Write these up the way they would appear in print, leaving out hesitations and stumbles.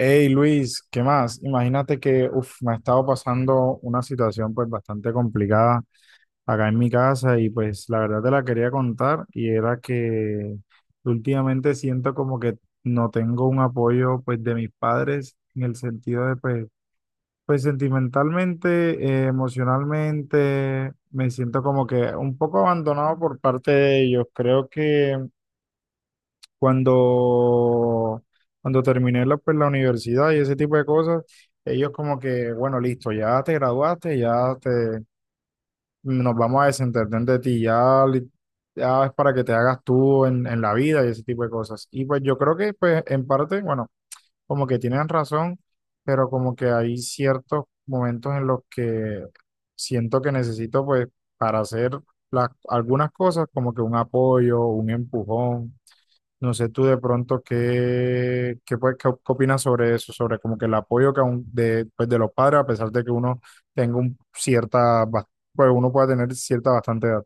Hey Luis, ¿qué más? Imagínate que me ha estado pasando una situación pues bastante complicada acá en mi casa y pues la verdad te la quería contar y era que últimamente siento como que no tengo un apoyo pues de mis padres en el sentido de pues sentimentalmente, emocionalmente, me siento como que un poco abandonado por parte de ellos. Creo que cuando, cuando terminé la universidad y ese tipo de cosas, ellos como que, bueno, listo, ya te graduaste, ya te, nos vamos a desentender de ti, ya, ya es para que te hagas tú en la vida y ese tipo de cosas. Y pues yo creo que pues en parte, bueno, como que tienen razón, pero como que hay ciertos momentos en los que siento que necesito pues para hacer las, algunas cosas como que un apoyo, un empujón. No sé tú de pronto qué, qué, pues, qué- op- qué opinas sobre eso, sobre como que el apoyo que aún de los padres, a pesar de que uno tenga un cierta, pues uno pueda tener cierta bastante edad.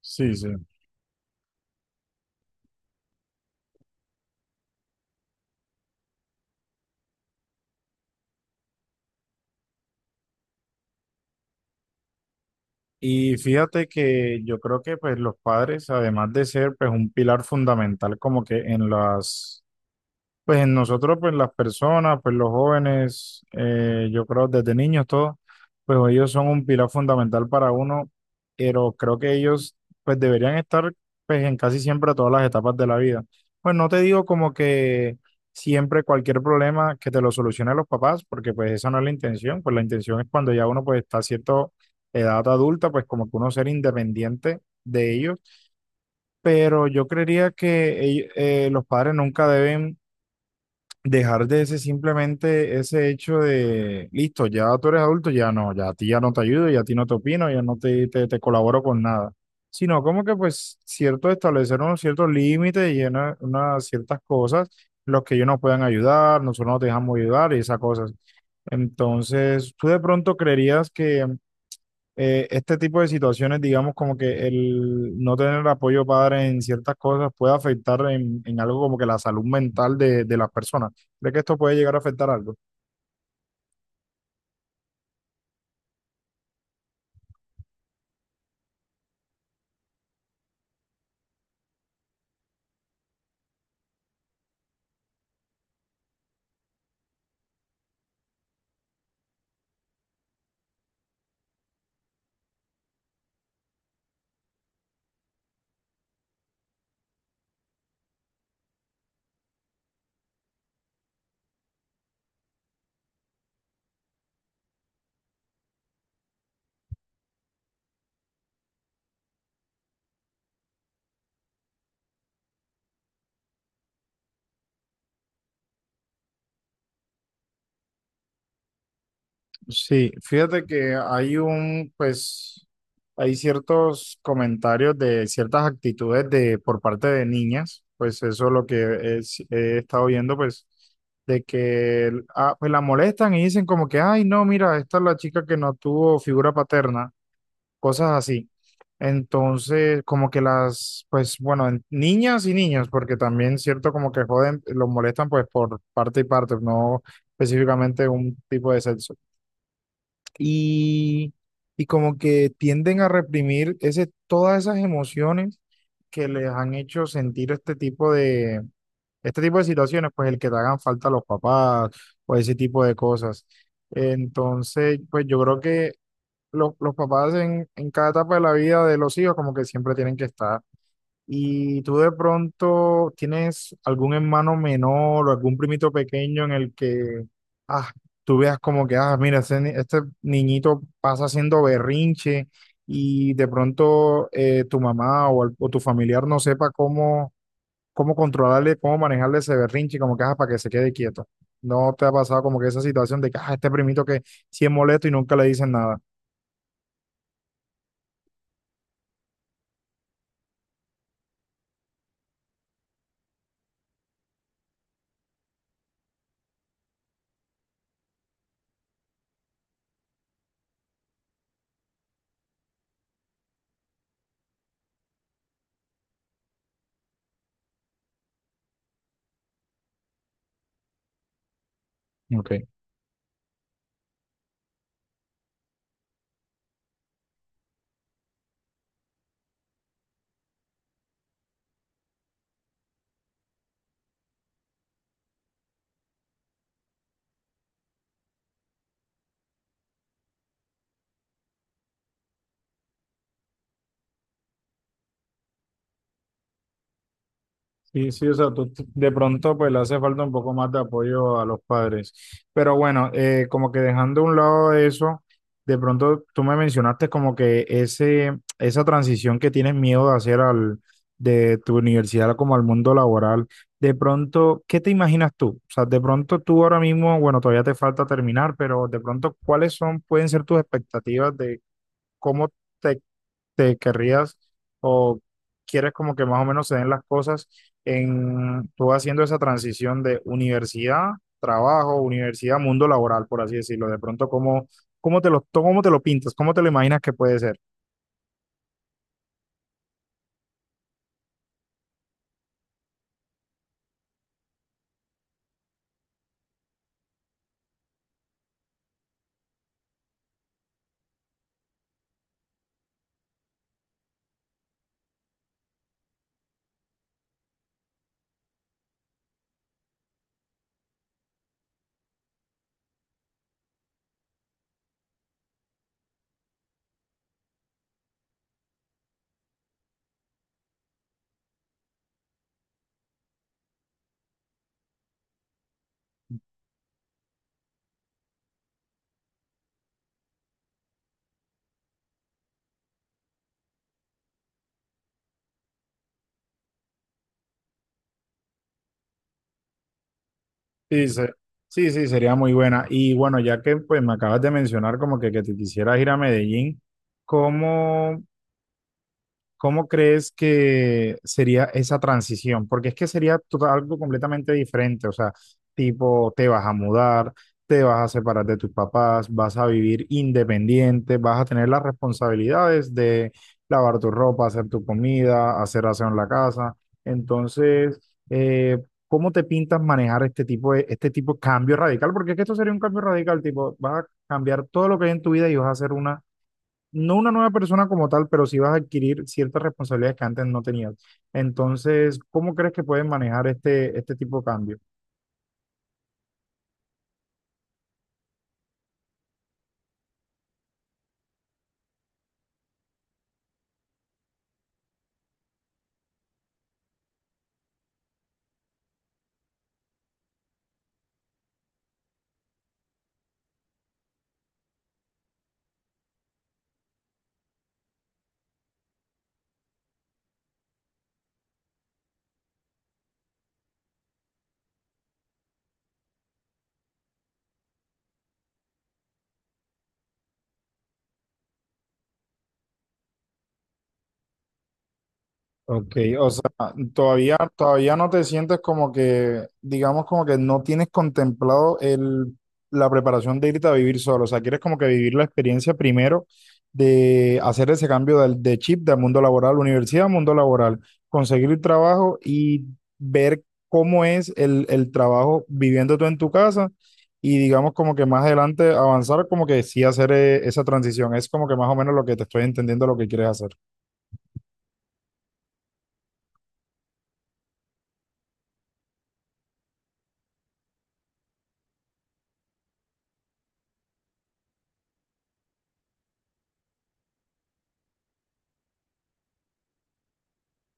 Sí, sí. Y fíjate que yo creo que pues los padres, además de ser pues un pilar fundamental como que en las pues en nosotros, pues las personas, pues los jóvenes, yo creo desde niños todos, pues ellos son un pilar fundamental para uno, pero creo que ellos pues deberían estar pues en casi siempre todas las etapas de la vida. Pues no te digo como que siempre cualquier problema que te lo solucionen los papás, porque pues esa no es la intención, pues la intención es cuando ya uno pues está a cierta edad adulta, pues como que uno ser independiente de ellos, pero yo creería que los padres nunca deben dejar de ese simplemente ese hecho de, listo, ya tú eres adulto, ya no, ya a ti ya no te ayudo, ya a ti no te opino, ya no te colaboro con nada, sino como que pues cierto establecer unos ciertos límites y unas ciertas cosas, los que ellos nos puedan ayudar, nosotros no te dejamos ayudar y esas cosas. Entonces, tú de pronto creerías que este tipo de situaciones, digamos, como que el no tener apoyo padre en ciertas cosas puede afectar en algo como que la salud mental de las personas. ¿Cree que esto puede llegar a afectar algo? Sí, fíjate que hay hay ciertos comentarios de ciertas actitudes de, por parte de niñas, pues eso es he estado viendo, pues, de que ah, pues la molestan y dicen como que, ay, no, mira, esta es la chica que no tuvo figura paterna, cosas así. Entonces, como que las, pues bueno, niñas y niños, porque también cierto como que joden, los molestan pues por parte y parte, no específicamente un tipo de sexo. Y, y como que tienden a reprimir ese, todas esas emociones que les han hecho sentir este tipo de situaciones, pues el que te hagan falta los papás o ese tipo de cosas. Entonces, pues yo creo que los papás en cada etapa de la vida de los hijos como que siempre tienen que estar. Y tú de pronto tienes algún hermano menor o algún primito pequeño en el que ah, tú veas como que, ah, mira, ese ni- este niñito pasa haciendo berrinche y de pronto tu mamá o tu familiar no sepa cómo, cómo controlarle, cómo manejarle ese berrinche, como que, ah, para que se quede quieto. ¿No te ha pasado como que esa situación de que, ah, este primito que sí es molesto y nunca le dicen nada? Ok. Sí, sí, o sea, de pronto pues le hace falta un poco más de apoyo a los padres. Pero bueno, como que dejando a un lado eso, de pronto tú me mencionaste como que ese, esa transición que tienes miedo de hacer al, de tu universidad como al mundo laboral, de pronto, ¿qué te imaginas tú? O sea, de pronto tú ahora mismo, bueno, todavía te falta terminar, pero de pronto, ¿cuáles son, pueden ser tus expectativas de cómo te te querrías o quieres como que más o menos se den las cosas en tú haciendo esa transición de universidad, trabajo, universidad, mundo laboral, por así decirlo. De pronto, ¿cómo te lo, cómo te lo pintas? ¿Cómo te lo imaginas que puede ser? Sí, se- sí, sí, sería muy buena. Y bueno, ya que pues me acabas de mencionar como que te quisieras ir a Medellín, ¿cómo? ¿Cómo crees que sería esa transición? Porque es que sería algo completamente diferente, o sea, tipo, te vas a mudar, te vas a separar de tus papás, vas a vivir independiente, vas a tener las responsabilidades de lavar tu ropa, hacer tu comida, hacer aseo en la casa. Entonces, eh, ¿cómo te pintas manejar este tipo de cambio radical? Porque es que esto sería un cambio radical, tipo, vas a cambiar todo lo que hay en tu vida y vas a hacer una, no una nueva persona como tal, pero sí vas a adquirir ciertas responsabilidades que antes no tenías. Entonces, ¿cómo crees que puedes manejar este tipo de cambio? Ok, o sea, todavía no te sientes como que, digamos, como que no tienes contemplado la preparación de irte a vivir solo. O sea, quieres como que vivir la experiencia primero de hacer ese cambio de chip del mundo laboral, universidad, al mundo laboral, conseguir el trabajo y ver cómo es el trabajo viviendo tú en tu casa y digamos como que más adelante avanzar como que sí hacer esa transición. Es como que más o menos lo que te estoy entendiendo lo que quieres hacer.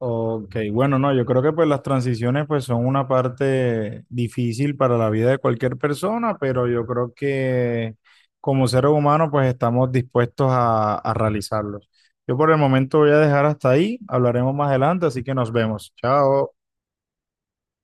Ok, bueno, no, yo creo que pues las transiciones pues son una parte difícil para la vida de cualquier persona, pero yo creo que como seres humanos pues estamos dispuestos a realizarlos. Yo por el momento voy a dejar hasta ahí, hablaremos más adelante, así que nos vemos. Chao.